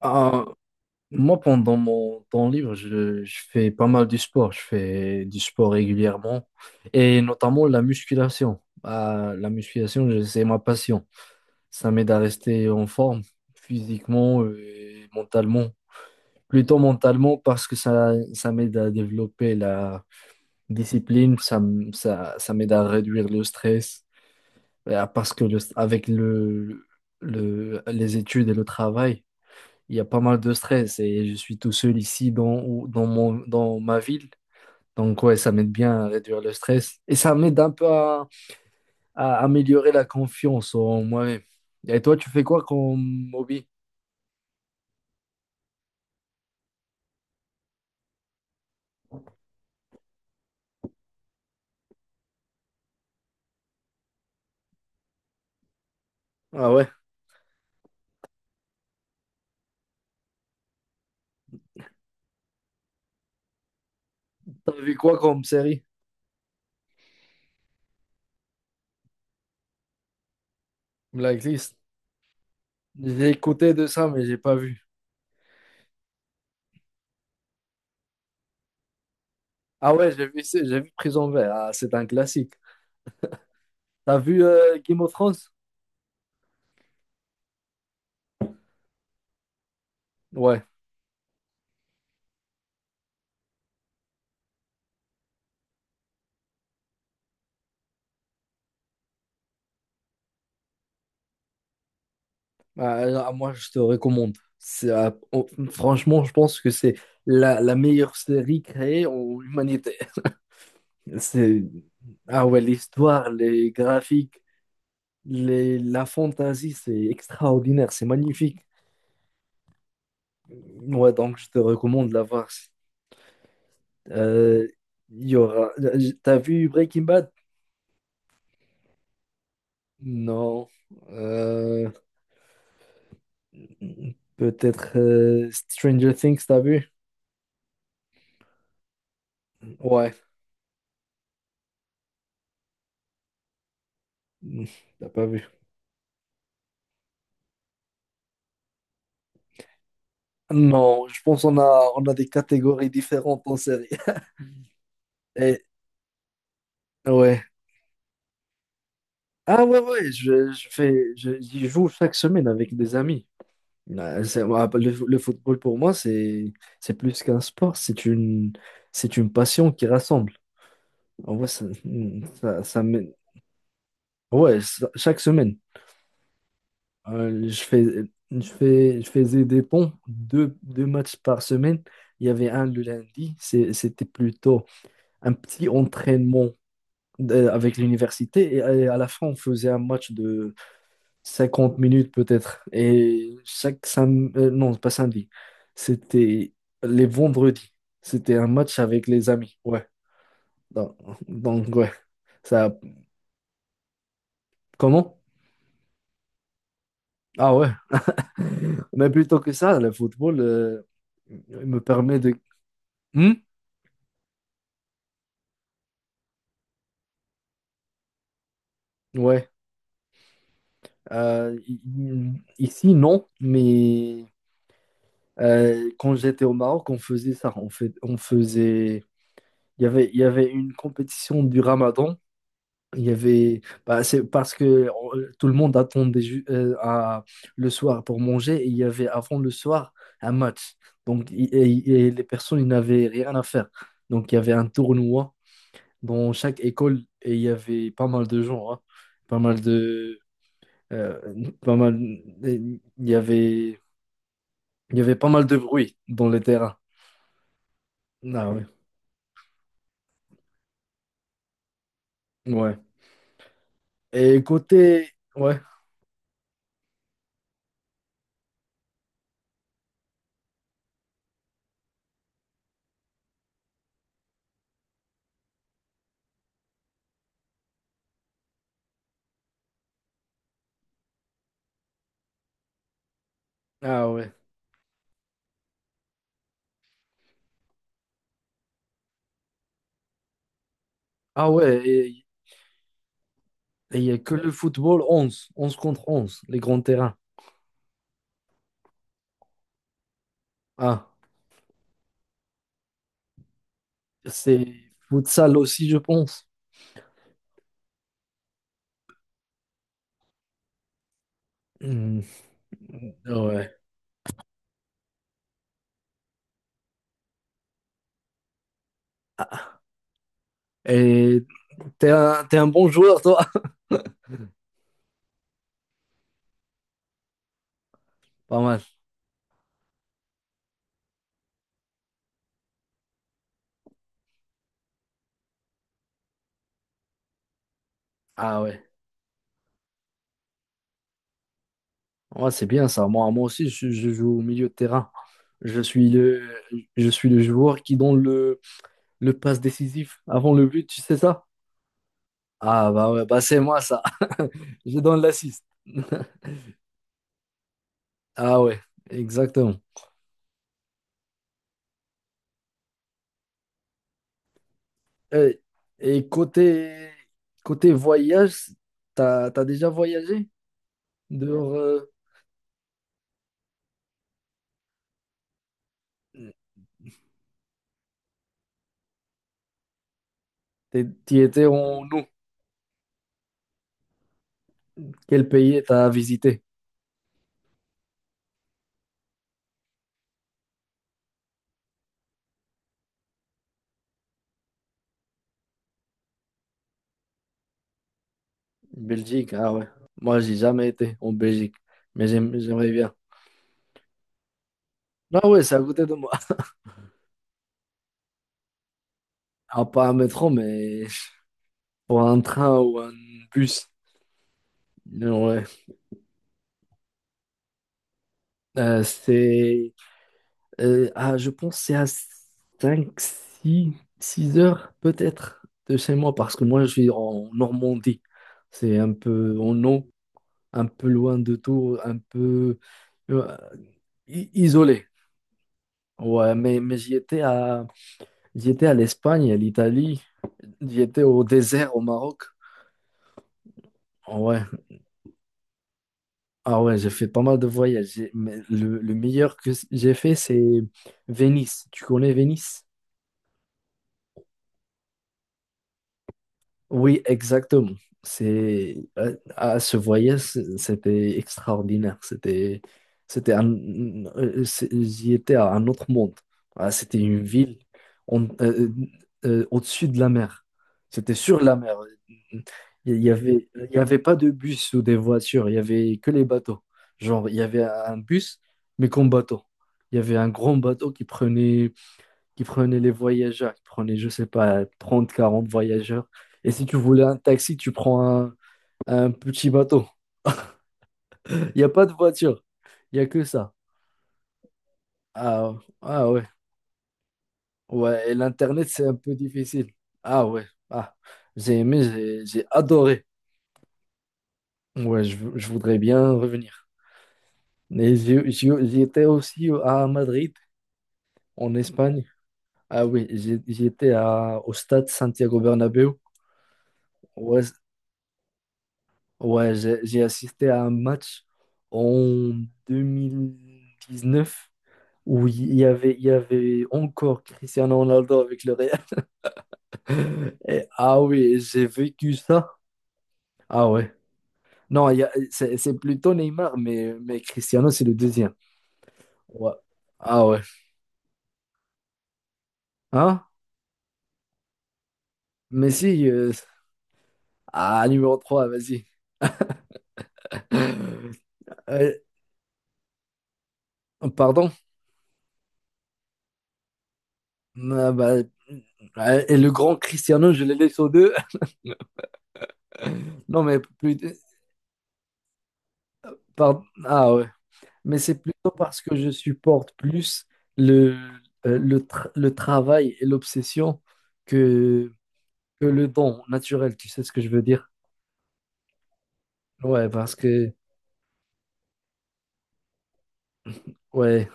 Ah, moi, pendant mon temps libre, je fais pas mal du sport. Je fais du sport régulièrement et notamment la musculation. Ah, la musculation, c'est ma passion. Ça m'aide à rester en forme physiquement et mentalement. Plutôt mentalement parce que ça m'aide à développer la discipline. Ça m'aide à réduire le stress. Parce que avec les études et le travail, il y a pas mal de stress et je suis tout seul ici dans ma ville. Donc ouais, ça m'aide bien à réduire le stress et ça m'aide un peu à améliorer la confiance en moi-même. Et toi, tu fais quoi comme hobby? Ah ouais, t'as vu quoi comme série? Blacklist. J'ai écouté de ça, mais j'ai pas vu. Ah ouais, j'ai vu Prison Break. Ah, c'est un classique. T'as vu Game of Thrones? Ouais. Ah, là, moi, je te recommande. Franchement, je pense que c'est la meilleure série créée en humanité. C'est, ah ouais, l'histoire, les graphiques, la fantaisie, c'est extraordinaire, c'est magnifique. Ouais, donc je te recommande de la voir. Euh, T'as vu Breaking Bad? Non. Euh, Peut-être Stranger Things, t'as vu? Ouais. Hmm, T'as pas vu. Non, je pense qu'on a des catégories différentes en série. Et, ouais. Ah ouais, ouais, j'y joue chaque semaine avec des amis. Ouais, le football pour moi, c'est plus qu'un sport, c'est une passion qui rassemble. En vrai, ça m'aide. Ouais, chaque semaine. Euh, je fais, je faisais des ponts, deux matchs par semaine. Il y avait un le lundi. C'était plutôt un petit entraînement avec l'université. Et à la fin, on faisait un match de 50 minutes peut-être. Et chaque samedi, non, pas samedi, c'était les vendredis. C'était un match avec les amis. Ouais. Donc, donc, ouais. Ça, Comment? Ah ouais. Mais plutôt que ça, le football me permet de Hmm. Ouais. Ici, non, mais quand j'étais au Maroc, on faisait ça. On faisait. Il y avait une compétition du Ramadan. Il y avait. Bah, c'est parce que tout le monde attendait le soir pour manger et il y avait avant le soir un match. Donc, les personnes, ils n'avaient rien à faire. Donc, il y avait un tournoi dans chaque école et il y avait pas mal de gens, hein. Pas mal Pas mal. Il y avait pas mal de bruit dans les terrains. Ah ouais. Ouais. Et côté. Ouais. Ah ouais. Ah ouais. Et il n'y a que le football onze contre 11 les grands terrains. Ah. C'est futsal aussi, je pense. Hmm. Ah, ouais. Et t'es un bon joueur, toi. Pas mal. Ah ouais. Ouais, c'est bien ça. Moi aussi, je joue au milieu de terrain. Je suis le, je suis le joueur qui donne le passe décisif avant le but, tu sais ça? Ah bah ouais, bah c'est moi ça. Je donne l'assist. Ah ouais, exactement. Euh, Et, côté voyage, t'as déjà voyagé dehors t'y étais en nous. Quel pays t'as visité? Belgique, ah ouais. Moi, j'ai jamais été en Belgique, mais j'aimerais bien. Ah ouais, c'est à côté de moi. Ah, pas un métro, mais pour un train ou un bus. Ouais. Euh, c'est. Je pense que c'est à 5 six heures peut-être de chez moi parce que moi je suis en Normandie. C'est un peu en haut un peu loin de tout, un peu euh, isolé. Ouais, mais j'y étais à l'Espagne, à l'Italie, j'y étais au désert au Maroc. Ouais. Ah ouais, j'ai fait pas mal de voyages. Mais le meilleur que j'ai fait, c'est Venise. Tu connais Venise? Oui, exactement. À ce voyage, c'était extraordinaire. C'était un, J'y étais à un autre monde. Ah, c'était une ville on- euh, au-dessus de la mer. C'était sur la mer. Il y avait pas de bus ou des voitures. Il y avait que les bateaux. Genre, il y avait un bus, mais comme bateau. Il y avait un grand bateau qui prenait les voyageurs, qui prenait, je sais pas, 30 40 voyageurs. Et si tu voulais un taxi, tu prends un petit bateau. Il n'y a pas de voiture, il n'y a que ça. Ah, ah ouais, ouais, et l'Internet, c'est un peu difficile. Ah ouais, ah, j'ai aimé, j'ai adoré. Ouais, je voudrais bien revenir. Mais j'étais aussi à Madrid, en Espagne. Ah oui, j'étais au stade Santiago Bernabéu. Ouais, Ouais, j'ai assisté à un match en 2019 où il y avait encore Cristiano Ronaldo avec le Real. Et, ah oui, j'ai vécu ça. Ah ouais. Non, il y a- c'est plutôt Neymar, mais Cristiano, c'est le deuxième. Ouais. Ah ouais. Hein? Messi, numéro 3, vas-y. Euh, Pardon? Ah bah, et le grand Cristiano, je le laisse aux deux. Non, mais plus. Pardon. Ah ouais. Mais c'est plutôt parce que je supporte plus le, le travail et l'obsession que, que le don naturel, tu sais ce que je veux dire? Ouais, parce que, ouais,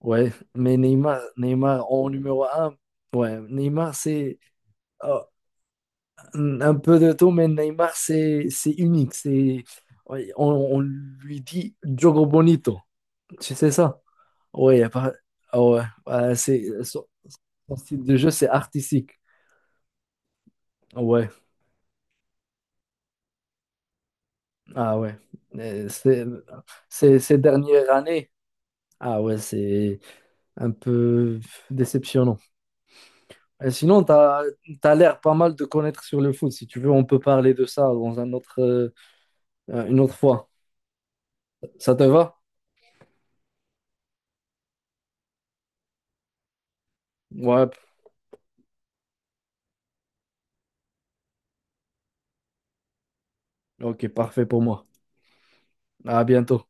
ouais. Mais Neymar en numéro 1, ouais, Neymar, c'est euh, un peu de tout, mais Neymar, c'est unique. C'est, ouais, on lui dit Diogo Bonito, tu sais ça? Ouais, y a pas- ah ouais, ouais, c'est, son style de jeu, c'est artistique. Ouais, ah ouais. Euh, c'est- Ces dernières années, ah ouais, c'est un peu déceptionnant. Et sinon, tu as l'air pas mal de connaître sur le foot. Si tu veux, on peut parler de ça dans une autre fois. Ça te va? Ouais, ok, parfait pour moi. À bientôt.